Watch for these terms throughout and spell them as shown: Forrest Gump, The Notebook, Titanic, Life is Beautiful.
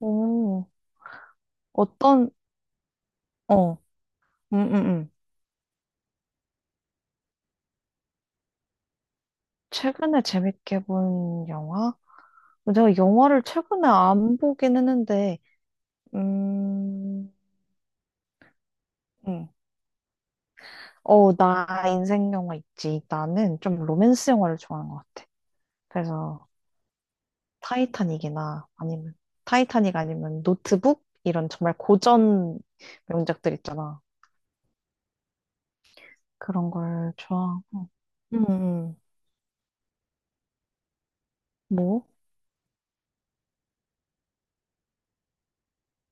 오, 어떤, 어, 음, 음, 음. 최근에 재밌게 본 영화? 내가 영화를 최근에 안 보긴 했는데, 음, 음. 어, 나 인생 영화 있지. 나는 좀 로맨스 영화를 좋아하는 것 같아. 그래서 타이타닉이나 아니면, 타이타닉 아니면 노트북? 이런 정말 고전 명작들 있잖아. 그런 걸 좋아하고. 음, 음. 뭐?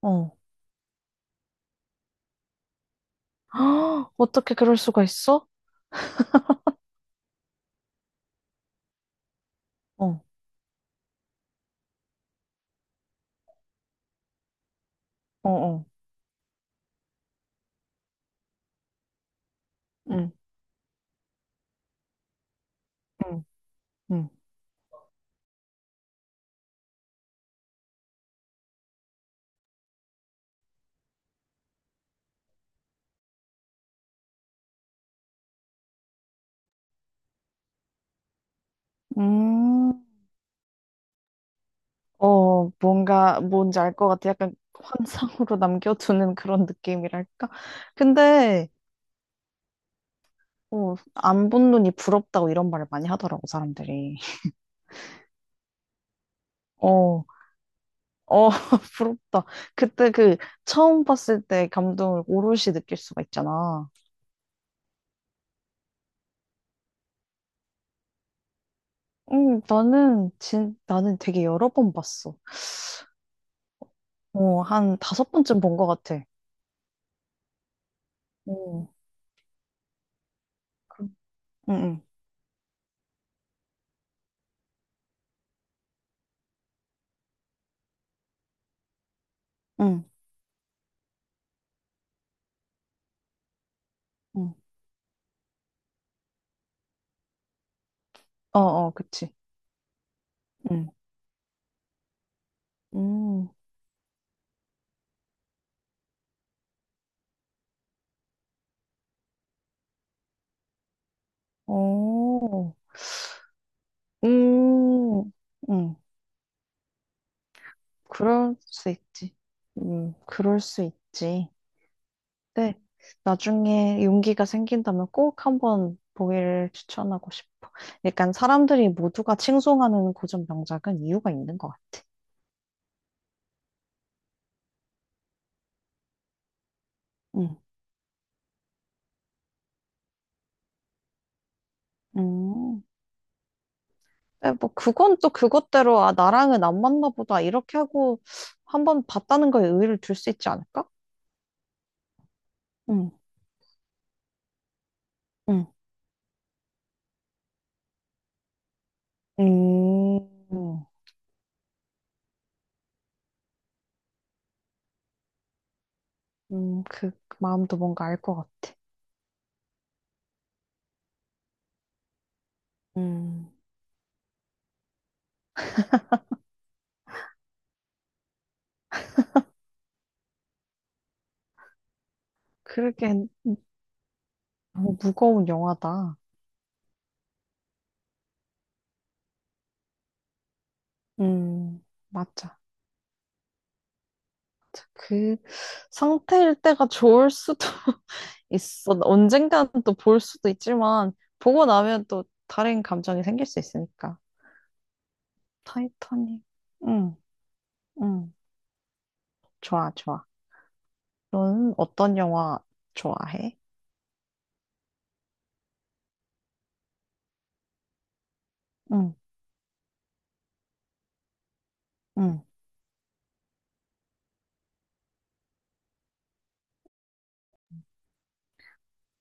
어. 어떻게 그럴 수가 있어? 어, 어, 어. 응, 응, 응. 음, 뭔지 알 것 같아. 약간 환상으로 남겨두는 그런 느낌이랄까? 근데, 안 본 눈이 부럽다고 이런 말을 많이 하더라고, 사람들이. 어, 어, 부럽다. 그때 처음 봤을 때 감동을 오롯이 느낄 수가 있잖아. 응, 나는 되게 여러 번 봤어. 어, 한 다섯 번쯤 본 것 같아. 어, 그, 응, 응, 응, 응. 어, 어, 그치. 응. 음. 어, 음, 음, 그럴 수 있지. 그럴 수 있지. 네, 나중에 용기가 생긴다면 꼭 한번 보기를 추천하고 싶어. 약간 사람들이 모두가 칭송하는 고전 명작은 이유가 있는 것 같아. 음, 음. 네, 뭐 그건 또 그것대로 아 나랑은 안 맞나 보다 이렇게 하고 한번 봤다는 거에 의의를 둘 수 있지 않을까? 음, 음, 음, 그 마음도 뭔가 알 것 같아. 음, 그렇게 너무 무거운 영화다. 맞아. 그 상태일 때가 좋을 수도 있어. 언젠가는 또 볼 수도 있지만 보고 나면 또 다른 감정이 생길 수 있으니까. 타이타닉. 응, 응. 좋아, 좋아. 너는 어떤 영화 좋아해? 응, 응.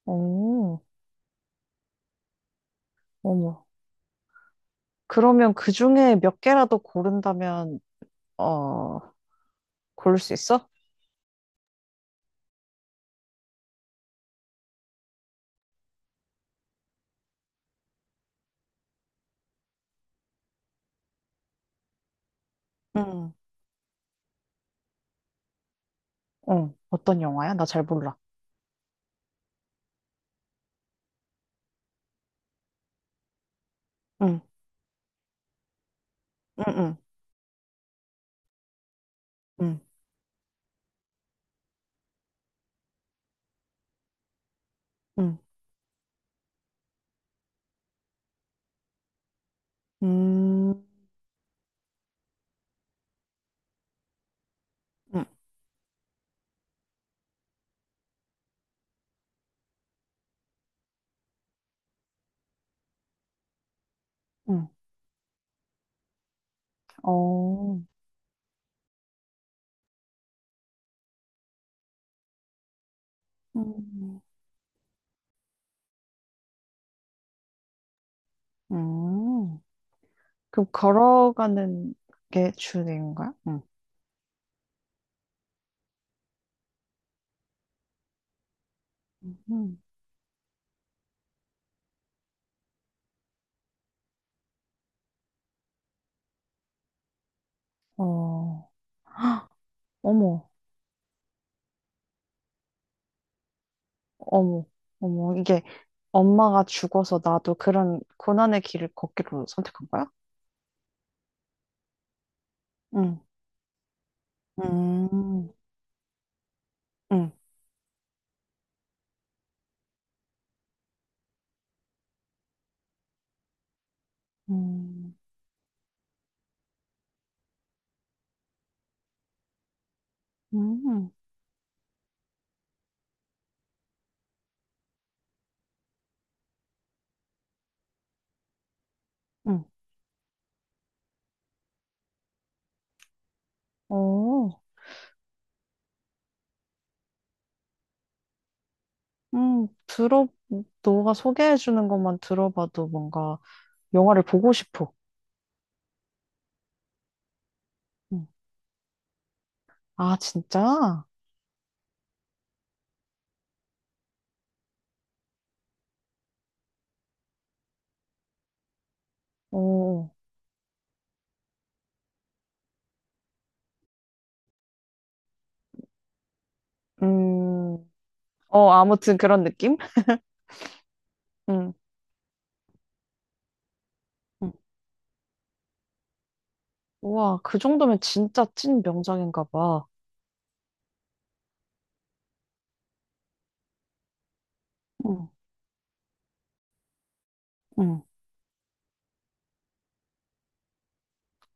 오, 어머. 그러면 그 중에 몇 개라도 고른다면 어, 고를 수 있어? 응. 어, 어떤 영화야? 나 잘 몰라. 응, 응, 응, 응, 응, 음, 응, 응, 어, 음, 음. 그럼 걸어가는 게 주인공인가요? 응, 음, 어, 헉, 어머, 어머, 어머, 이게 엄마가 죽어서 나도 그런 고난의 길을 걷기로 선택한 거야? 응, 음, 응, 음, 응, 응, 음, 어. 음, 들어, 너가 소개해주는 것만 들어봐도 뭔가 영화를 보고 싶어. 음. 아, 진짜? 어, 음, 아무튼 그런 느낌? 음, 음. 우와, 그 정도면 진짜 찐 명작인가 봐. 음, 음.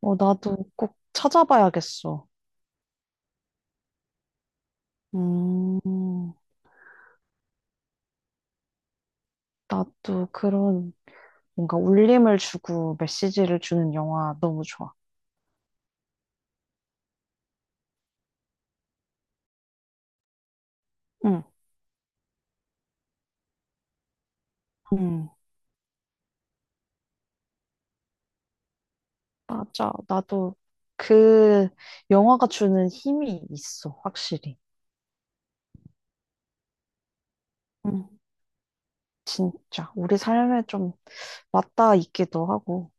어, 나도 꼭 찾아봐야겠어. 음, 나도 그런 뭔가 울림을 주고 메시지를 주는 영화 너무 좋아. 응, 음. 맞아. 나도 그 영화가 주는 힘이 있어, 확실히. 응. 진짜. 우리 삶에 좀 맞닿아 있기도 하고.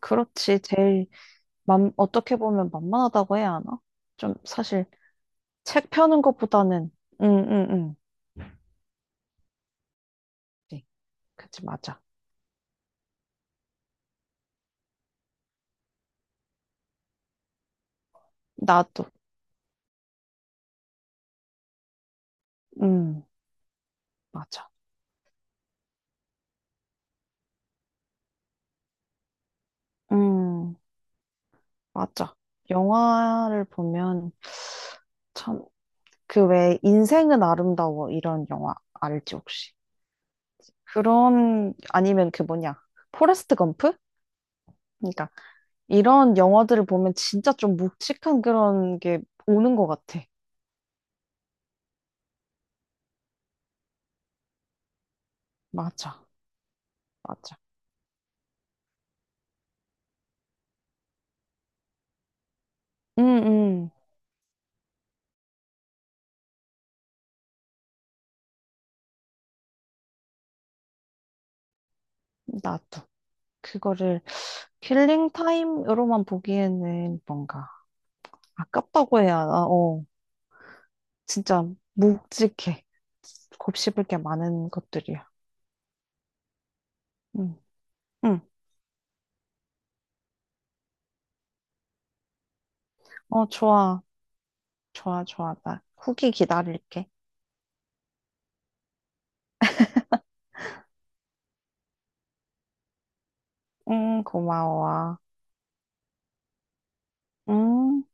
그렇지. 제일, 어떻게 보면 만만하다고 해야 하나? 좀 사실 책 펴는 것보다는, 응, 응, 응. 그치, 그치, 맞아. 나도, 응, 맞아. 응, 맞아. 영화를 보면 참, 그 왜 인생은 아름다워 이런 영화 알지, 혹시? 그런 아니면 그 뭐냐 포레스트 검프? 그러니까 이런 영화들을 보면 진짜 좀 묵직한 그런 게 오는 것 같아. 맞아, 맞아. 응 응 나도 그거를 킬링 타임으로만 보기에는 뭔가 아깝다고 해야 하나? 어, 진짜 묵직해. 곱씹을 게 많은 것들이야. 응, 응. 어, 좋아, 좋아, 좋아. 나 후기 기다릴게. 응, 고마워. 음.